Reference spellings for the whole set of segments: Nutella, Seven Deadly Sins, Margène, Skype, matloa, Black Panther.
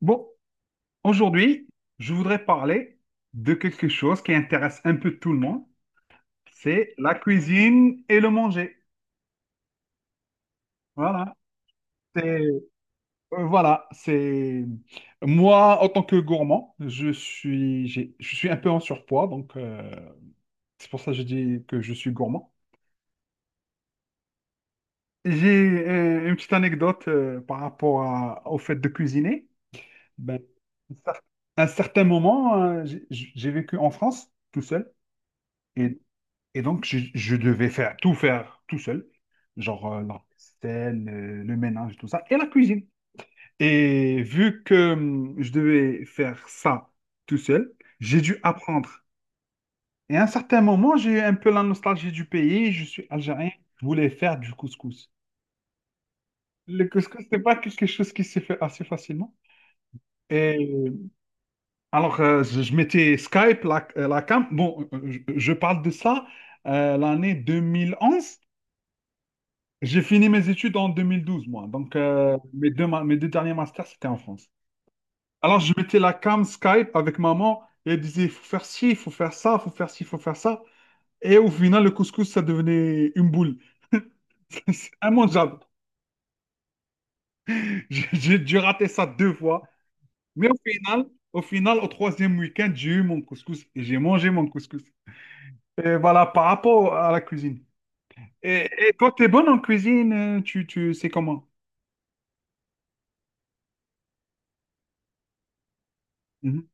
Bon, aujourd'hui, je voudrais parler de quelque chose qui intéresse un peu tout le monde, c'est la cuisine et le manger. Voilà, c'est voilà, c'est moi en tant que gourmand, je suis un peu en surpoids, donc c'est pour ça que je dis que je suis gourmand. J'ai une petite anecdote au fait de cuisiner. Ben, à un certain moment, j'ai vécu en France tout seul. Et. Et donc, je devais faire tout seul, genre la scène, le ménage, tout ça, et la cuisine. Et vu que je devais faire ça tout seul, j'ai dû apprendre. Et à un certain moment, j'ai eu un peu la nostalgie du pays. Je suis algérien, je voulais faire du couscous. Le couscous, c'est pas quelque chose qui se fait assez facilement. Et alors, je mettais Skype, la cam. Bon, je parle de ça l'année 2011. J'ai fini mes études en 2012, moi. Donc, mes deux derniers masters, c'était en France. Alors, je mettais la cam Skype avec maman et elle disait, faut faire ci, faut faire ça, faut faire ci, faut faire ça. Et au final, le couscous, ça devenait une boule. C'est immangeable. J'ai dû rater ça deux fois. Mais au final, au final, au troisième week-end, j'ai eu mon couscous et j'ai mangé mon couscous. Et voilà, par rapport à la cuisine. Et toi, t'es bonne en cuisine, tu sais comment? Mhm.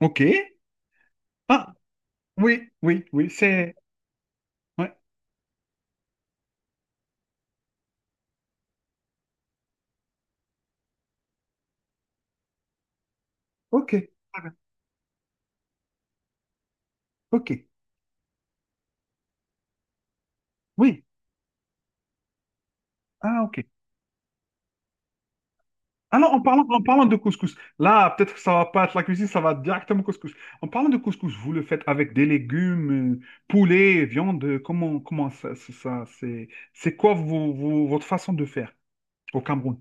Ok. Ah, oui, oui, oui, c'est... Ouais. Ok, très bien. Ok, oui. Ah, ok. Alors, en parlant de couscous, là, peut-être que ça va pas être la cuisine, ça va directement au couscous. En parlant de couscous, vous le faites avec des légumes, poulet, viande, comment c'est quoi votre façon de faire au Cameroun?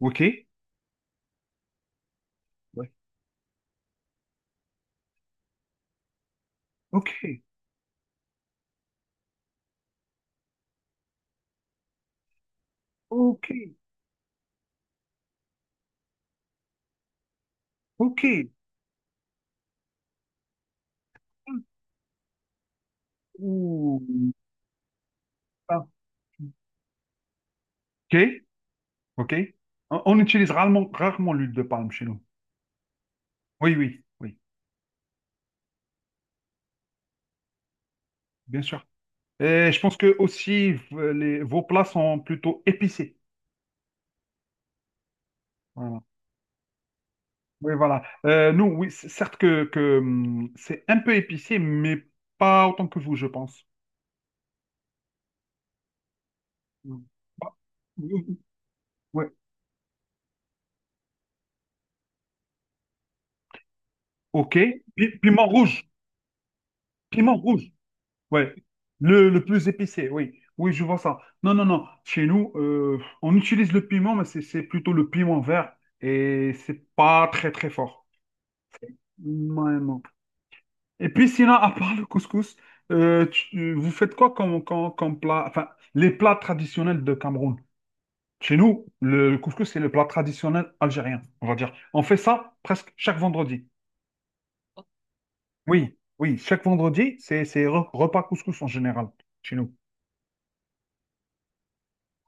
Ok? Ouais. Ok, ok, ok. Ouh. Ah, ok, ok. On, rarement l'huile de palme chez nous. Oui, oui, oui, bien sûr. Et je pense que aussi les, vos plats sont plutôt épicés. Voilà. Oui, voilà. Nous, oui, certes que c'est un peu épicé, mais pas autant que vous, je pense. Mm. Bah, oui, oui. Ouais. Ok. Piment rouge. Piment rouge. Ouais. Le plus épicé, oui. Oui, je vois ça. Non, non, non. Chez nous, on utilise le piment, mais c'est plutôt le piment vert et c'est pas très, très fort. Non, non. Et puis sinon, à part le couscous, vous faites quoi comme, comme plat? Enfin, les plats traditionnels de Cameroun. Chez nous, le couscous, c'est le plat traditionnel algérien, on va dire. On fait ça presque chaque vendredi. Oui, oui, chaque vendredi, c'est repas couscous en général, chez nous.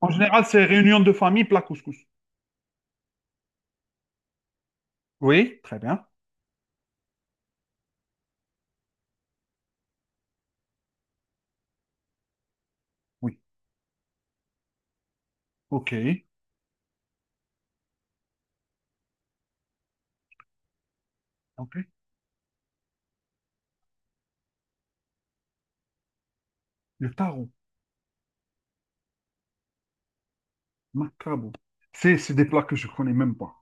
En général, c'est réunion de famille, plat couscous. Oui, très bien. Oui, ok. Ok. Le taro, macabo. C'est des plats que je connais même pas.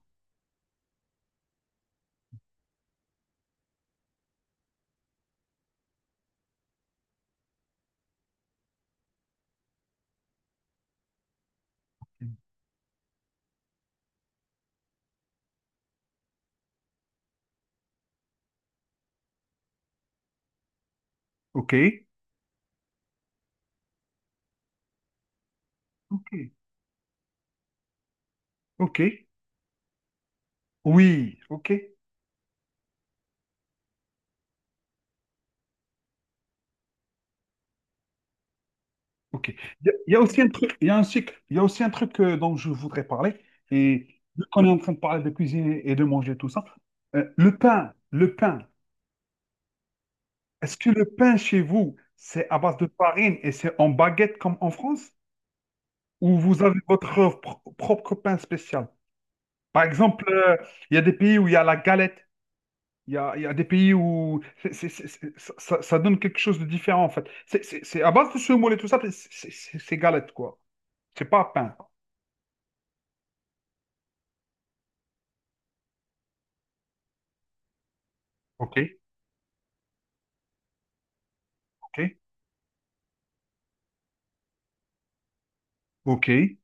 Ok, ok, ok. Oui, ok. Ok. Il y a aussi un truc, il y a aussi un truc dont je voudrais parler. Et vu qu'on est en train de parler de cuisine et de manger tout ça, le pain. Est-ce que le pain chez vous, c'est à base de farine et c'est en baguette comme en France? Ou vous avez votre propre pain spécial? Par exemple, il y a des pays où il y a la galette. Il y a des pays où ça donne quelque chose de différent en fait. C'est à base de semoule et tout ça, c'est galette quoi. C'est pas pain. Ok, ok. OK.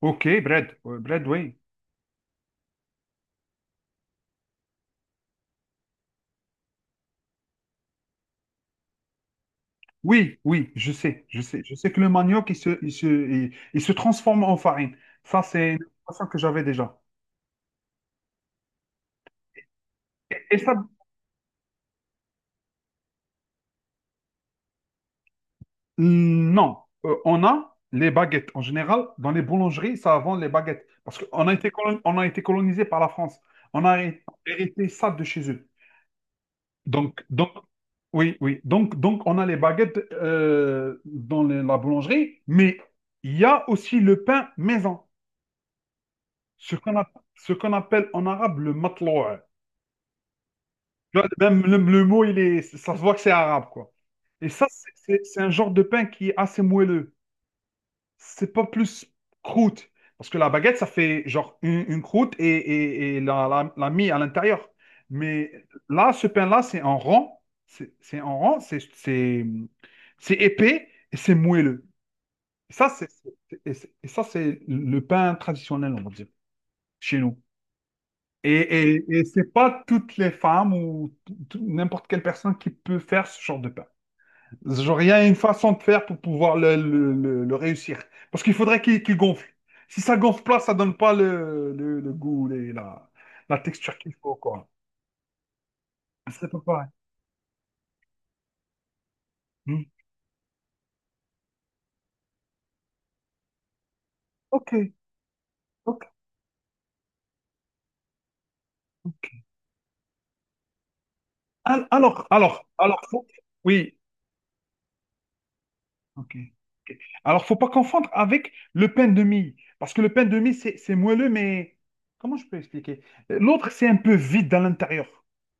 OK, bread. Bread, oui. Oui, oui, je sais, je sais. Je sais que le manioc, il se transforme en farine. Ça, c'est une information que j'avais déjà. Et ça, hmm, non. On a les baguettes. En général, dans les boulangeries, ça vend les baguettes. Parce qu'on a été, on a été colonisé par la France. On a hérité ça de chez eux. Donc oui, oui. Donc, on a les baguettes la boulangerie, mais il y a aussi le pain maison. Ce qu'on ce qu'on appelle en arabe le matloa. Tu vois, même le mot, ça se voit que c'est arabe, quoi. Et ça, c'est un genre de pain qui est assez moelleux. C'est pas plus croûte. Parce que la baguette, ça fait genre une croûte et, et la mie à l'intérieur. Mais là, ce pain-là, c'est en rond. C'est en rond, c'est épais et c'est moelleux. Et ça, ça, c'est le pain traditionnel, on va dire, chez nous. Et, et c'est pas toutes les femmes ou n'importe quelle personne qui peut faire ce genre de pain. Genre, il y a une façon de faire pour pouvoir le réussir. Parce qu'il faudrait qu'il gonfle. Si ça gonfle pas, ça donne pas le goût, la, la texture qu'il faut, quoi. C'est pas pareil. Hmm. Ok, ok, ok. Alors, faut- oui, ok. Ok. Alors, faut pas confondre avec le pain de mie, parce que le pain de mie, c'est moelleux, mais comment je peux expliquer? L'autre, c'est un peu vide dans l'intérieur.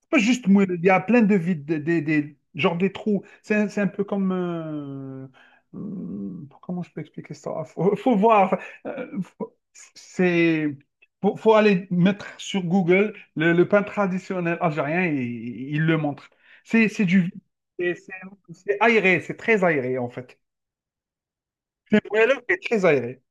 C'est pas juste moelleux, il y a plein de vides, genre des trous. C'est un peu comme... comment je peux expliquer ça? Faut, faut voir. C'est... Faut, faut aller mettre sur Google le pain traditionnel algérien et il le montre. C'est du vide. Et c'est aéré, c'est très aéré en fait. Ouais, le est très aéré.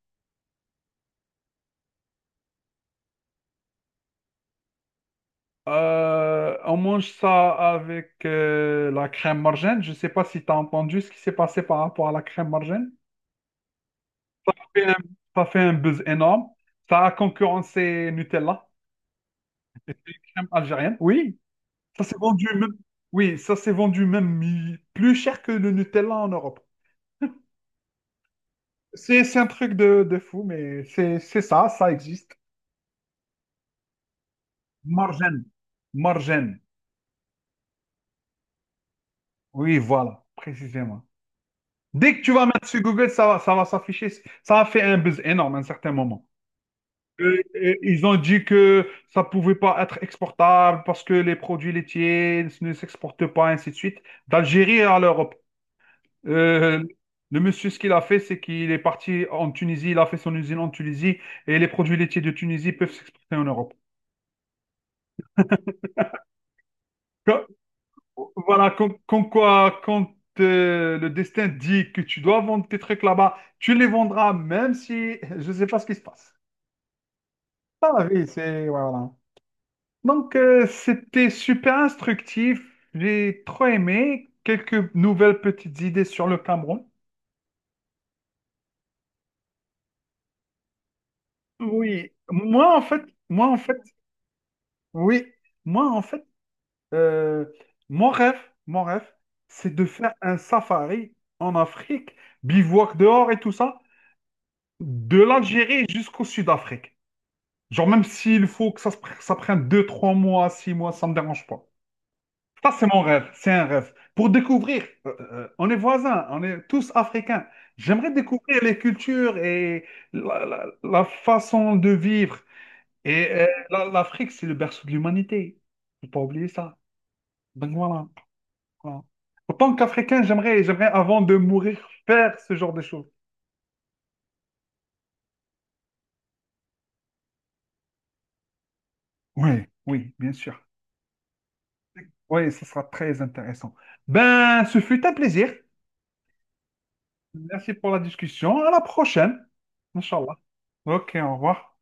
On mange ça avec la crème margène. Je ne sais pas si tu as entendu ce qui s'est passé par rapport à la crème margène. Ça fait un, ça fait un buzz énorme. Ça a concurrencé Nutella, crème algérienne. Oui, ça s'est vendu même, oui, ça s'est vendu même plus cher que le Nutella en Europe. C'est un truc de fou, mais c'est ça, ça existe. Margène. Margène. Oui, voilà, précisément. Dès que tu vas mettre sur Google, ça va s'afficher. Ça a fait un buzz énorme à un certain moment. Ils ont dit que ça pouvait pas être exportable parce que les produits laitiers ne s'exportent pas, ainsi de suite, d'Algérie à l'Europe. Euh, le monsieur, ce qu'il a fait, c'est qu'il est parti en Tunisie, il a fait son usine en Tunisie et les produits laitiers de Tunisie peuvent s'exporter en Europe. Que- voilà, comme, comme quoi, quand le destin dit que tu dois vendre tes trucs là-bas, tu les vendras, même si je ne sais pas ce qui se passe. Ah oui, c'est... ouais, voilà. Donc, c'était super instructif. J'ai trop aimé. Quelques nouvelles petites idées sur le Cameroun. Oui, moi en fait, moi en fait, oui, moi en fait, euh, mon rêve, mon rêve, c'est de faire un safari en Afrique, bivouac dehors et tout ça, de l'Algérie jusqu'au Sud-Afrique. Genre même s'il faut que ça, se pr- ça prenne 2 3 mois, 6 mois, ça me dérange pas. Ça, c'est mon rêve. C'est un rêve. Pour découvrir, on est voisins, on est tous africains. J'aimerais découvrir les cultures et la façon de vivre. Et l'Afrique, c'est le berceau de l'humanité. Faut pas oublier ça. Donc voilà. Voilà. En tant qu'Africain, j'aimerais, avant de mourir, faire ce genre de choses. Oui, oui, bien sûr. Oui, ce sera très intéressant. Ben, ce fut un plaisir. Merci pour la discussion. À la prochaine. Inch'Allah. Ok, au revoir.